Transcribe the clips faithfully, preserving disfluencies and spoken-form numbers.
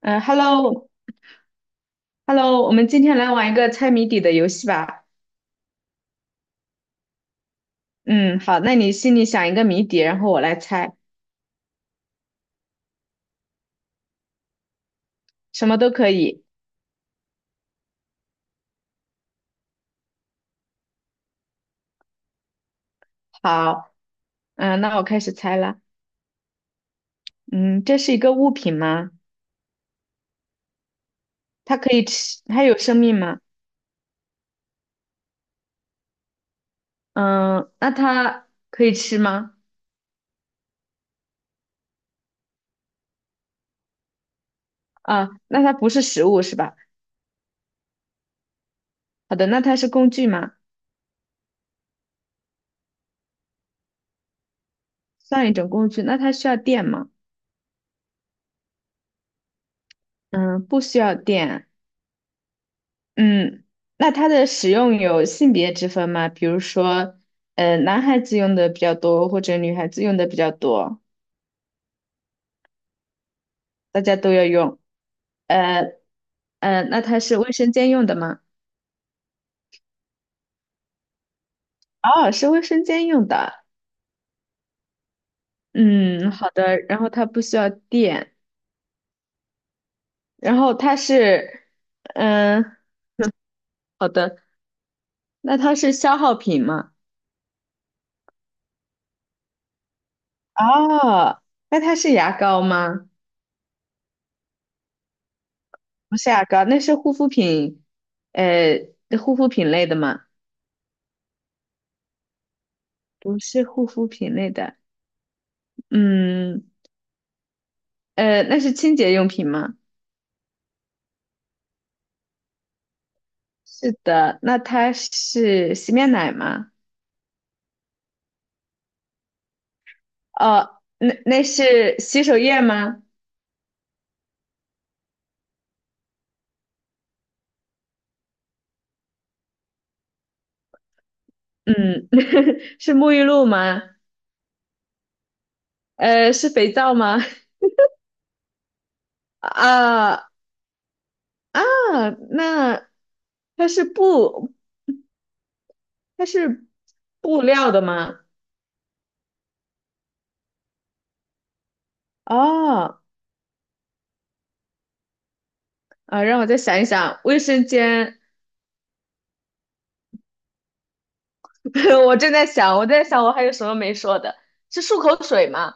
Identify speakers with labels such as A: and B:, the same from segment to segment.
A: 嗯，Hello，Hello，我们今天来玩一个猜谜底的游戏吧。嗯，好，那你心里想一个谜底，然后我来猜，什么都可以。好，嗯，那我开始猜了。嗯，这是一个物品吗？它可以吃，它有生命吗？嗯，那它可以吃吗？啊，那它不是食物是吧？好的，那它是工具吗？算一种工具，那它需要电吗？嗯，不需要电。嗯，那它的使用有性别之分吗？比如说，呃，男孩子用的比较多，或者女孩子用的比较多，大家都要用。呃呃，那它是卫生间用的吗？哦，是卫生间用的。嗯，好的。然后它不需要电，然后它是，嗯，好的。那它是消耗品吗？哦，那它是牙膏吗？不是牙膏，那是护肤品，呃，护肤品类的吗？不是护肤品类的，嗯，呃，那是清洁用品吗？是的，那它是洗面奶吗？哦，那那是洗手液吗？嗯，是沐浴露吗？呃，是肥皂吗？啊啊，那它是布，它是布料的吗？哦，啊，让我再想一想，卫生间，我正在想，我在想我还有什么没说的，是漱口水吗？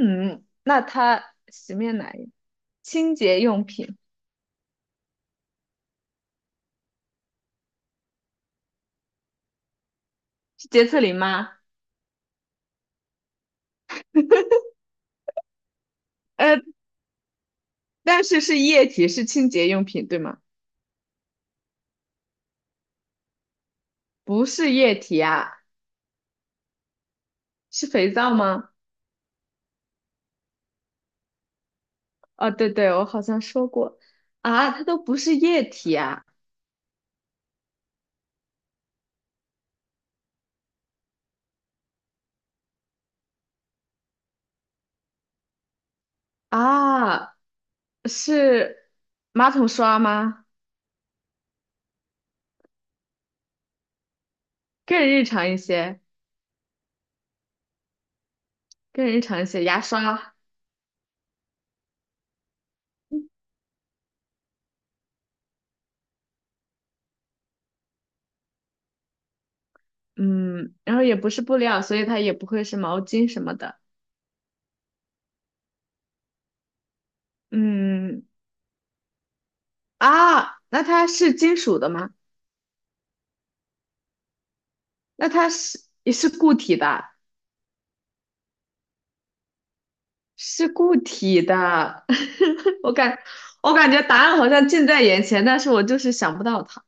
A: 嗯，那它洗面奶、清洁用品是洁厕灵吗？呃，但是是液体，是清洁用品，对吗？不是液体啊，是肥皂吗？哦，对对，我好像说过啊，它都不是液体啊啊，是马桶刷吗？更日常一些，更日常一些，牙刷，嗯，然后也不是布料，所以它也不会是毛巾什么的，嗯啊，那它是金属的吗？那它是也是固体的，是固体的。我感我感觉答案好像近在眼前，但是我就是想不到它。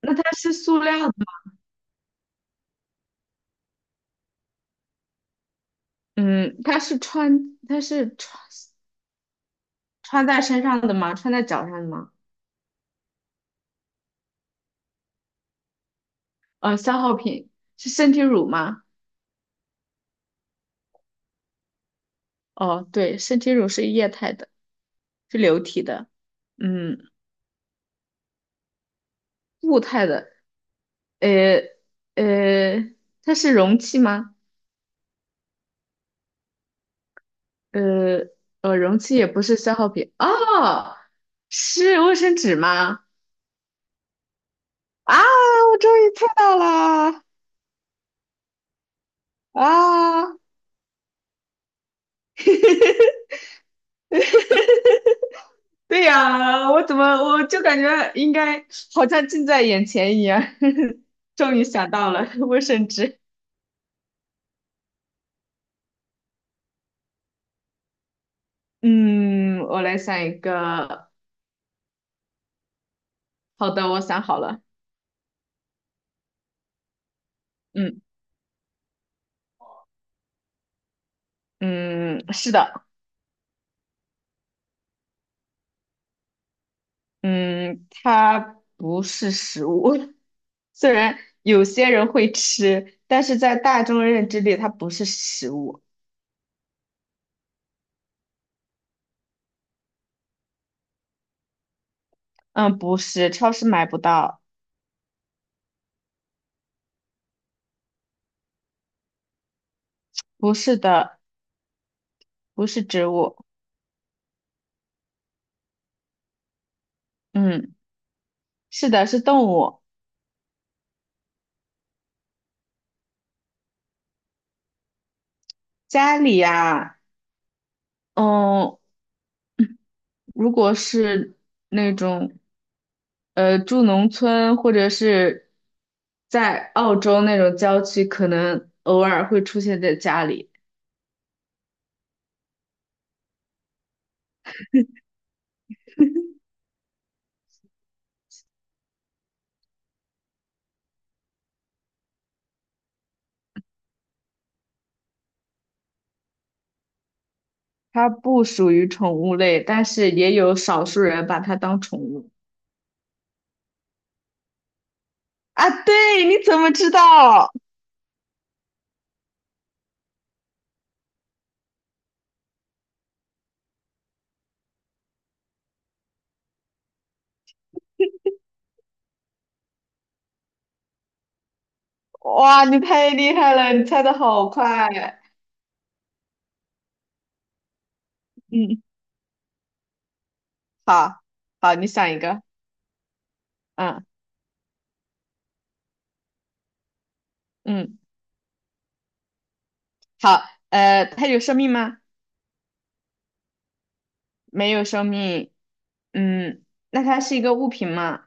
A: 那它是塑料的，嗯，它是穿它是穿穿在身上的吗？穿在脚上的吗？呃，消耗品是身体乳吗？哦，对，身体乳是液态的，是流体的，嗯，固态的，呃呃，它是容器吗？呃呃，容器也不是消耗品哦，是卫生纸吗？啊，我终于猜到了啊！对呀，我怎么我就感觉应该好像近在眼前一样，终于想到了卫生纸。嗯，我来想一个。好的，我想好了。嗯嗯，是的，嗯，它不是食物。虽然有些人会吃，但是在大众认知里，它不是食物。嗯，不是，超市买不到。不是的，不是植物。嗯，是的，是动物。家里呀，嗯，如果是那种呃住农村或者是在澳洲那种郊区，可能偶尔会出现在家里。它不属于宠物类，但是也有少数人把它当宠物。啊，对，你怎么知道？哇，你太厉害了，你猜的好快。嗯，好，好，你想一个。嗯嗯，好。呃，它有生命吗？没有生命。嗯，那它是一个物品吗？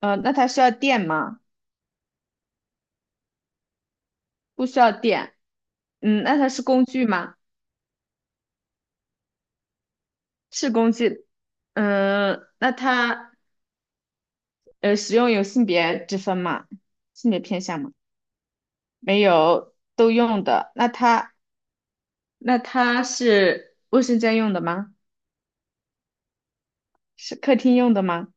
A: 呃，那它需要电吗？不需要电。嗯，那它是工具吗？是工具。嗯，那它呃，使用有性别之分吗？性别偏向吗？没有，都用的。那它那它是卫生间用的吗？是客厅用的吗？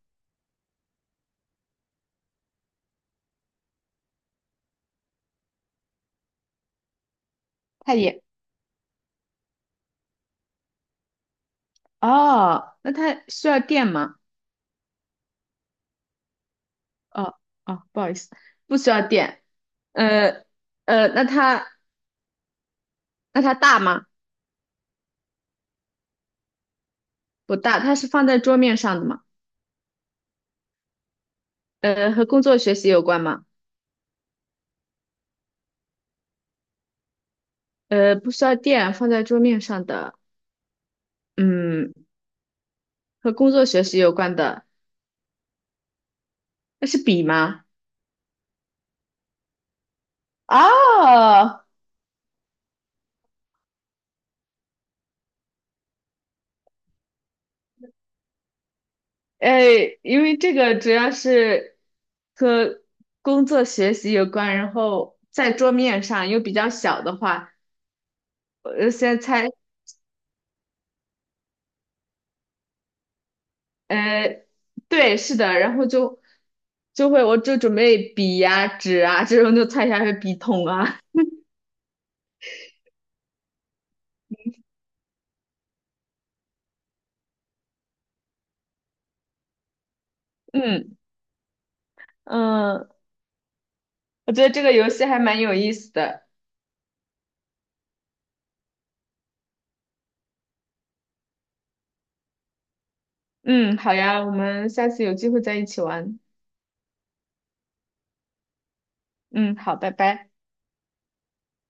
A: 它也，哦，那它需要电吗？哦哦，不好意思，不需要电。呃呃，那它那它大吗？不大，它是放在桌面上的吗？呃，和工作学习有关吗？呃，不需要电，放在桌面上的，嗯，和工作学习有关的，那是笔吗？哦，哎，因为这个主要是和工作学习有关，然后在桌面上又比较小的话，呃，先猜，呃，对，是的，然后就就会，我就准备笔呀、纸啊这种，就猜一下是笔筒啊，嗯嗯，我觉得这个游戏还蛮有意思的，嗯，好呀，我们下次有机会再一起玩，嗯，好，拜拜。